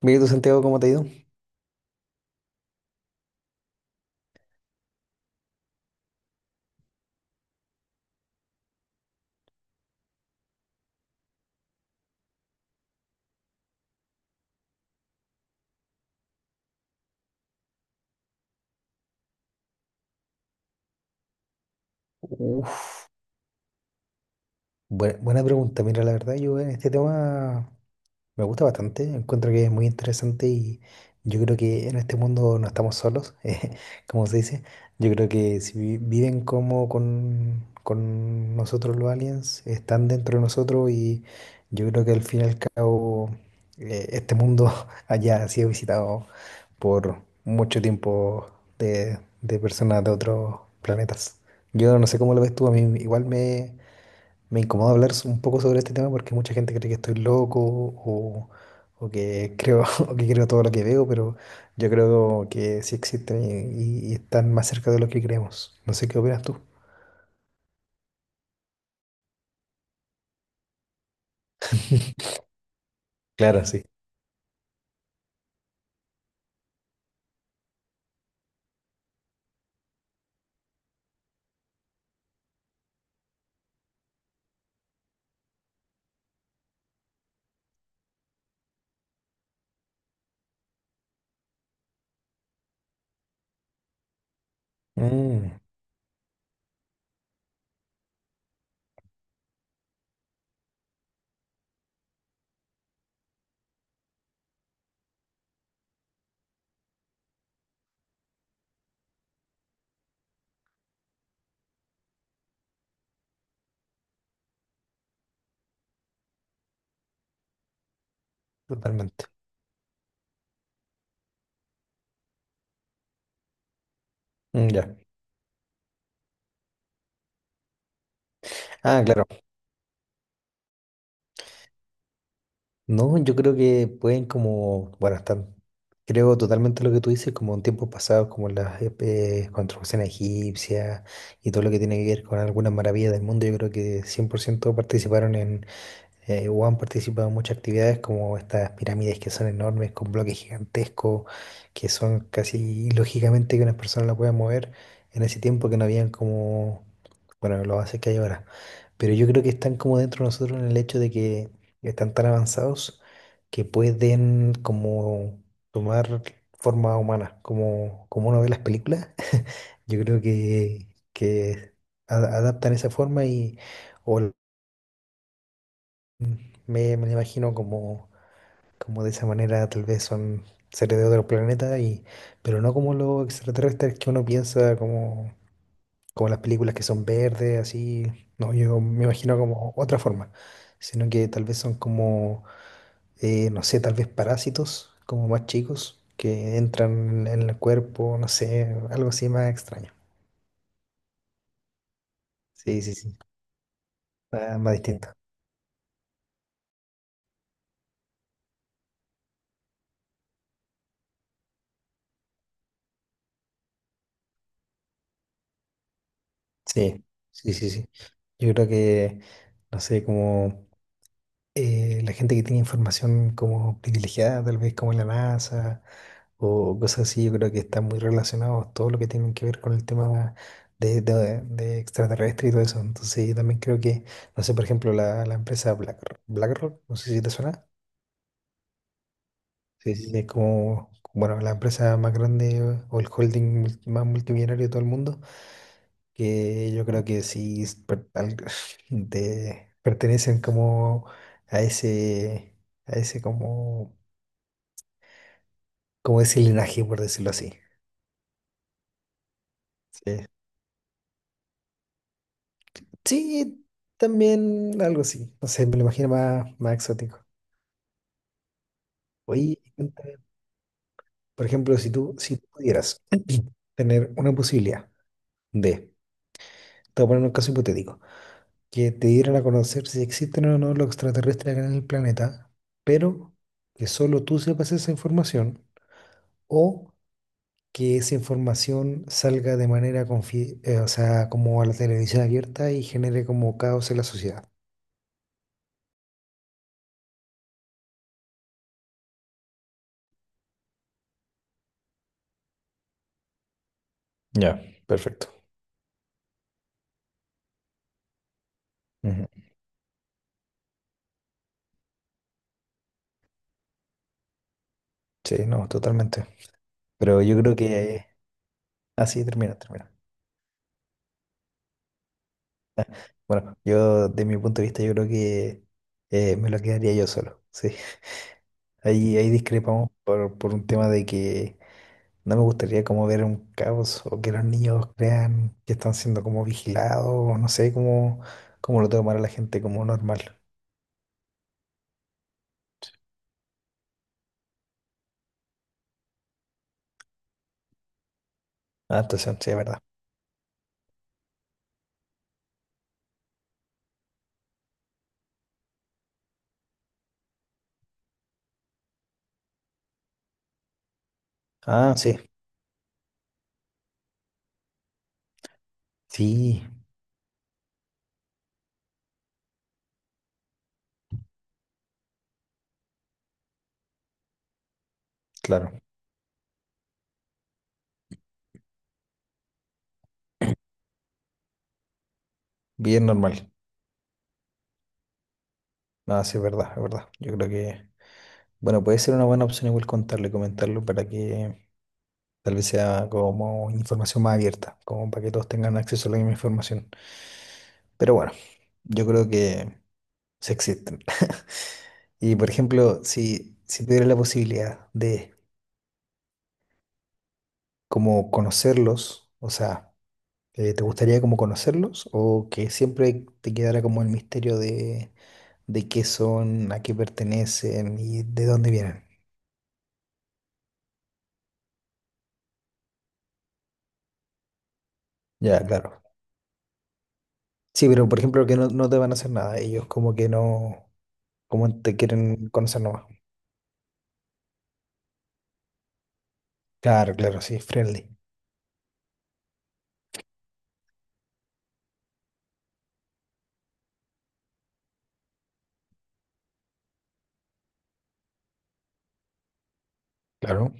Mira tú, Santiago, ¿cómo te ha ido? Uf, buena pregunta. Mira, la verdad, yo en este tema me gusta bastante. Encuentro que es muy interesante y yo creo que en este mundo no estamos solos, como se dice. Yo creo que si vi- viven como con nosotros los aliens, están dentro de nosotros y yo creo que al fin y al cabo este mundo haya sido visitado por mucho tiempo de personas de otros planetas. Yo no sé cómo lo ves tú. A mí me incomoda hablar un poco sobre este tema porque mucha gente cree que estoy loco o que creo, o que creo todo lo que veo, pero yo creo que sí existen y están más cerca de lo que creemos. No sé qué opinas tú. Claro, sí. Mm, totalmente. Mm, ya. Ah, claro. No, yo creo que pueden como, bueno, están, creo totalmente lo que tú dices, como en tiempos pasados, como las construcciones egipcias y todo lo que tiene que ver con algunas maravillas del mundo. Yo creo que 100% participaron en, Wuhan participa en muchas actividades como estas pirámides, que son enormes, con bloques gigantescos, que son casi ilógicamente que una persona la pueda mover en ese tiempo, que no habían como, bueno, lo hace que hay ahora. Pero yo creo que están como dentro de nosotros, en el hecho de que están tan avanzados que pueden como tomar forma humana, como, como uno ve las películas. Yo creo que, que adaptan esa forma y... O me lo imagino como, como de esa manera. Tal vez son seres de otro planeta, y, pero no como los extraterrestres que uno piensa, como, como las películas que son verdes, así. No, yo me imagino como otra forma, sino que tal vez son como, no sé, tal vez parásitos, como más chicos, que entran en el cuerpo, no sé, algo así más extraño. Sí, sí, sí, más, más distinto. Sí, sí, sí, sí. Yo creo que, no sé, como... la gente que tiene información como privilegiada, tal vez como la NASA o cosas así, yo creo que están muy relacionados todo lo que tienen que ver con el tema de extraterrestre y todo eso. Entonces yo también creo que, no sé, por ejemplo, la BlackRock, no sé si te suena. Sí, sí, es como, bueno, la empresa más grande o el holding más multimillonario de todo el mundo, que yo creo que pertenecen como a ese, a ese como como ese linaje, por decirlo así. Sí. Sí, también algo así. No sé, me lo imagino más, más exótico. Oye, cuenta, por ejemplo, si tú pudieras tener una posibilidad de, te voy a poner un caso hipotético, que te dieran a conocer si existen o no los extraterrestres acá en el planeta, pero que solo tú sepas esa información o que esa información salga de manera o sea, como a la televisión abierta, y genere como caos en la sociedad. Ya, perfecto. Sí, no, totalmente. Pero yo creo que así termina, termina. Bueno, yo de mi punto de vista yo creo que me lo quedaría yo solo. Sí, ahí, ahí discrepamos por un tema de que no me gustaría como ver un caos o que los niños crean que están siendo como vigilados, o no sé cómo, cómo lo tomará la gente como normal. Adaptación, sí, es verdad. Ah, sí, sí, claro, bien normal. Ah, sí, es verdad, es verdad. Yo creo que, bueno, puede ser una buena opción igual contarlo y comentarlo para que tal vez sea como información más abierta, como para que todos tengan acceso a la misma información. Pero bueno, yo creo que se existen. Y por ejemplo, si tuvieras la posibilidad de como conocerlos, o sea, ¿te gustaría como conocerlos o que siempre te quedara como el misterio de qué son, a qué pertenecen y de dónde vienen? Ya, claro. Sí, pero por ejemplo que no, no te van a hacer nada, ellos como que no, como te quieren conocer nomás. Claro, claro, sí, friendly. Claro,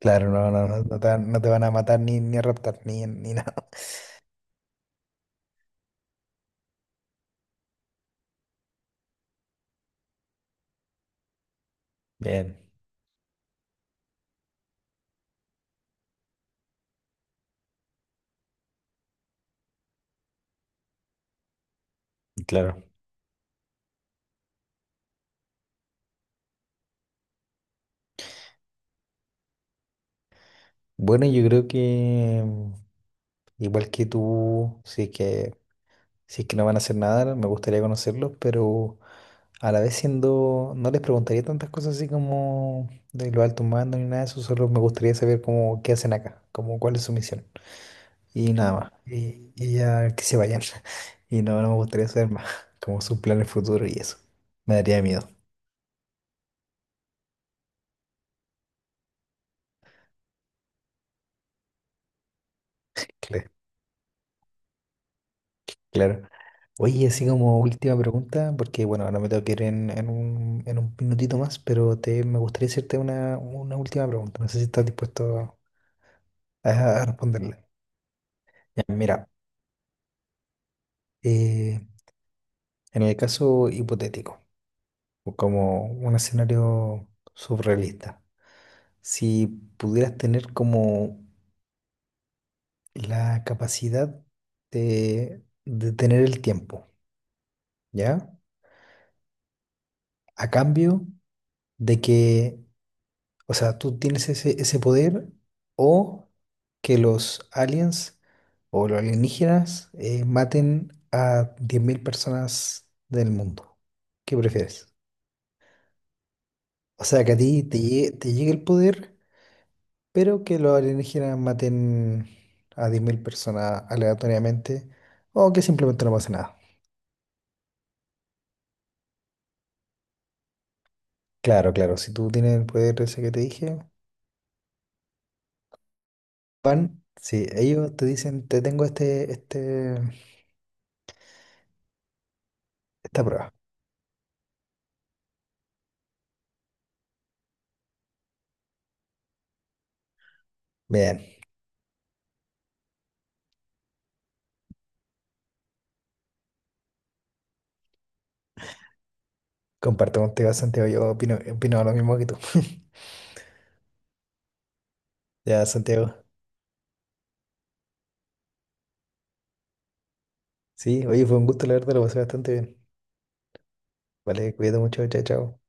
claro, no, no te, van no te van a matar ni, ni a raptar, ni, ni nada. Bien, claro. Bueno, yo creo que mm, igual que tú, sí que, si es que no van a hacer nada, me gustaría conocerlos, pero a la vez siendo, no les preguntaría tantas cosas así como de los altos mandos ni nada de eso. Solo me gustaría saber cómo, qué hacen acá, como cuál es su misión. Y nada más. Y ya que se vayan. Y no, no me gustaría saber más, como sus planes futuros y eso. Me daría miedo. Claro. Oye, así como última pregunta, porque bueno, ahora me tengo que ir en, en un minutito más, pero me gustaría hacerte una última pregunta. No sé si estás dispuesto a responderle. Ya, mira, eh, en el caso hipotético, o como un escenario surrealista, si pudieras tener como la capacidad de tener el tiempo, ¿ya? A cambio de que... O sea, tú tienes ese, ese poder, o que los aliens o los alienígenas maten a 10.000 personas del mundo. ¿Qué prefieres? O sea, que a ti te llegue el poder, pero que los alienígenas maten a 10.000 personas aleatoriamente, o que simplemente no pase nada. Claro, claro, si tú tienes el poder ese que te dije, van, si ellos te dicen, te tengo este, este, esta prueba. Bien. Comparto contigo, Santiago. Yo opino, opino lo mismo que tú. Ya, Santiago. Sí, oye, fue un gusto, la verdad, lo pasé bastante bien. Vale, cuídate mucho. Chao, chao.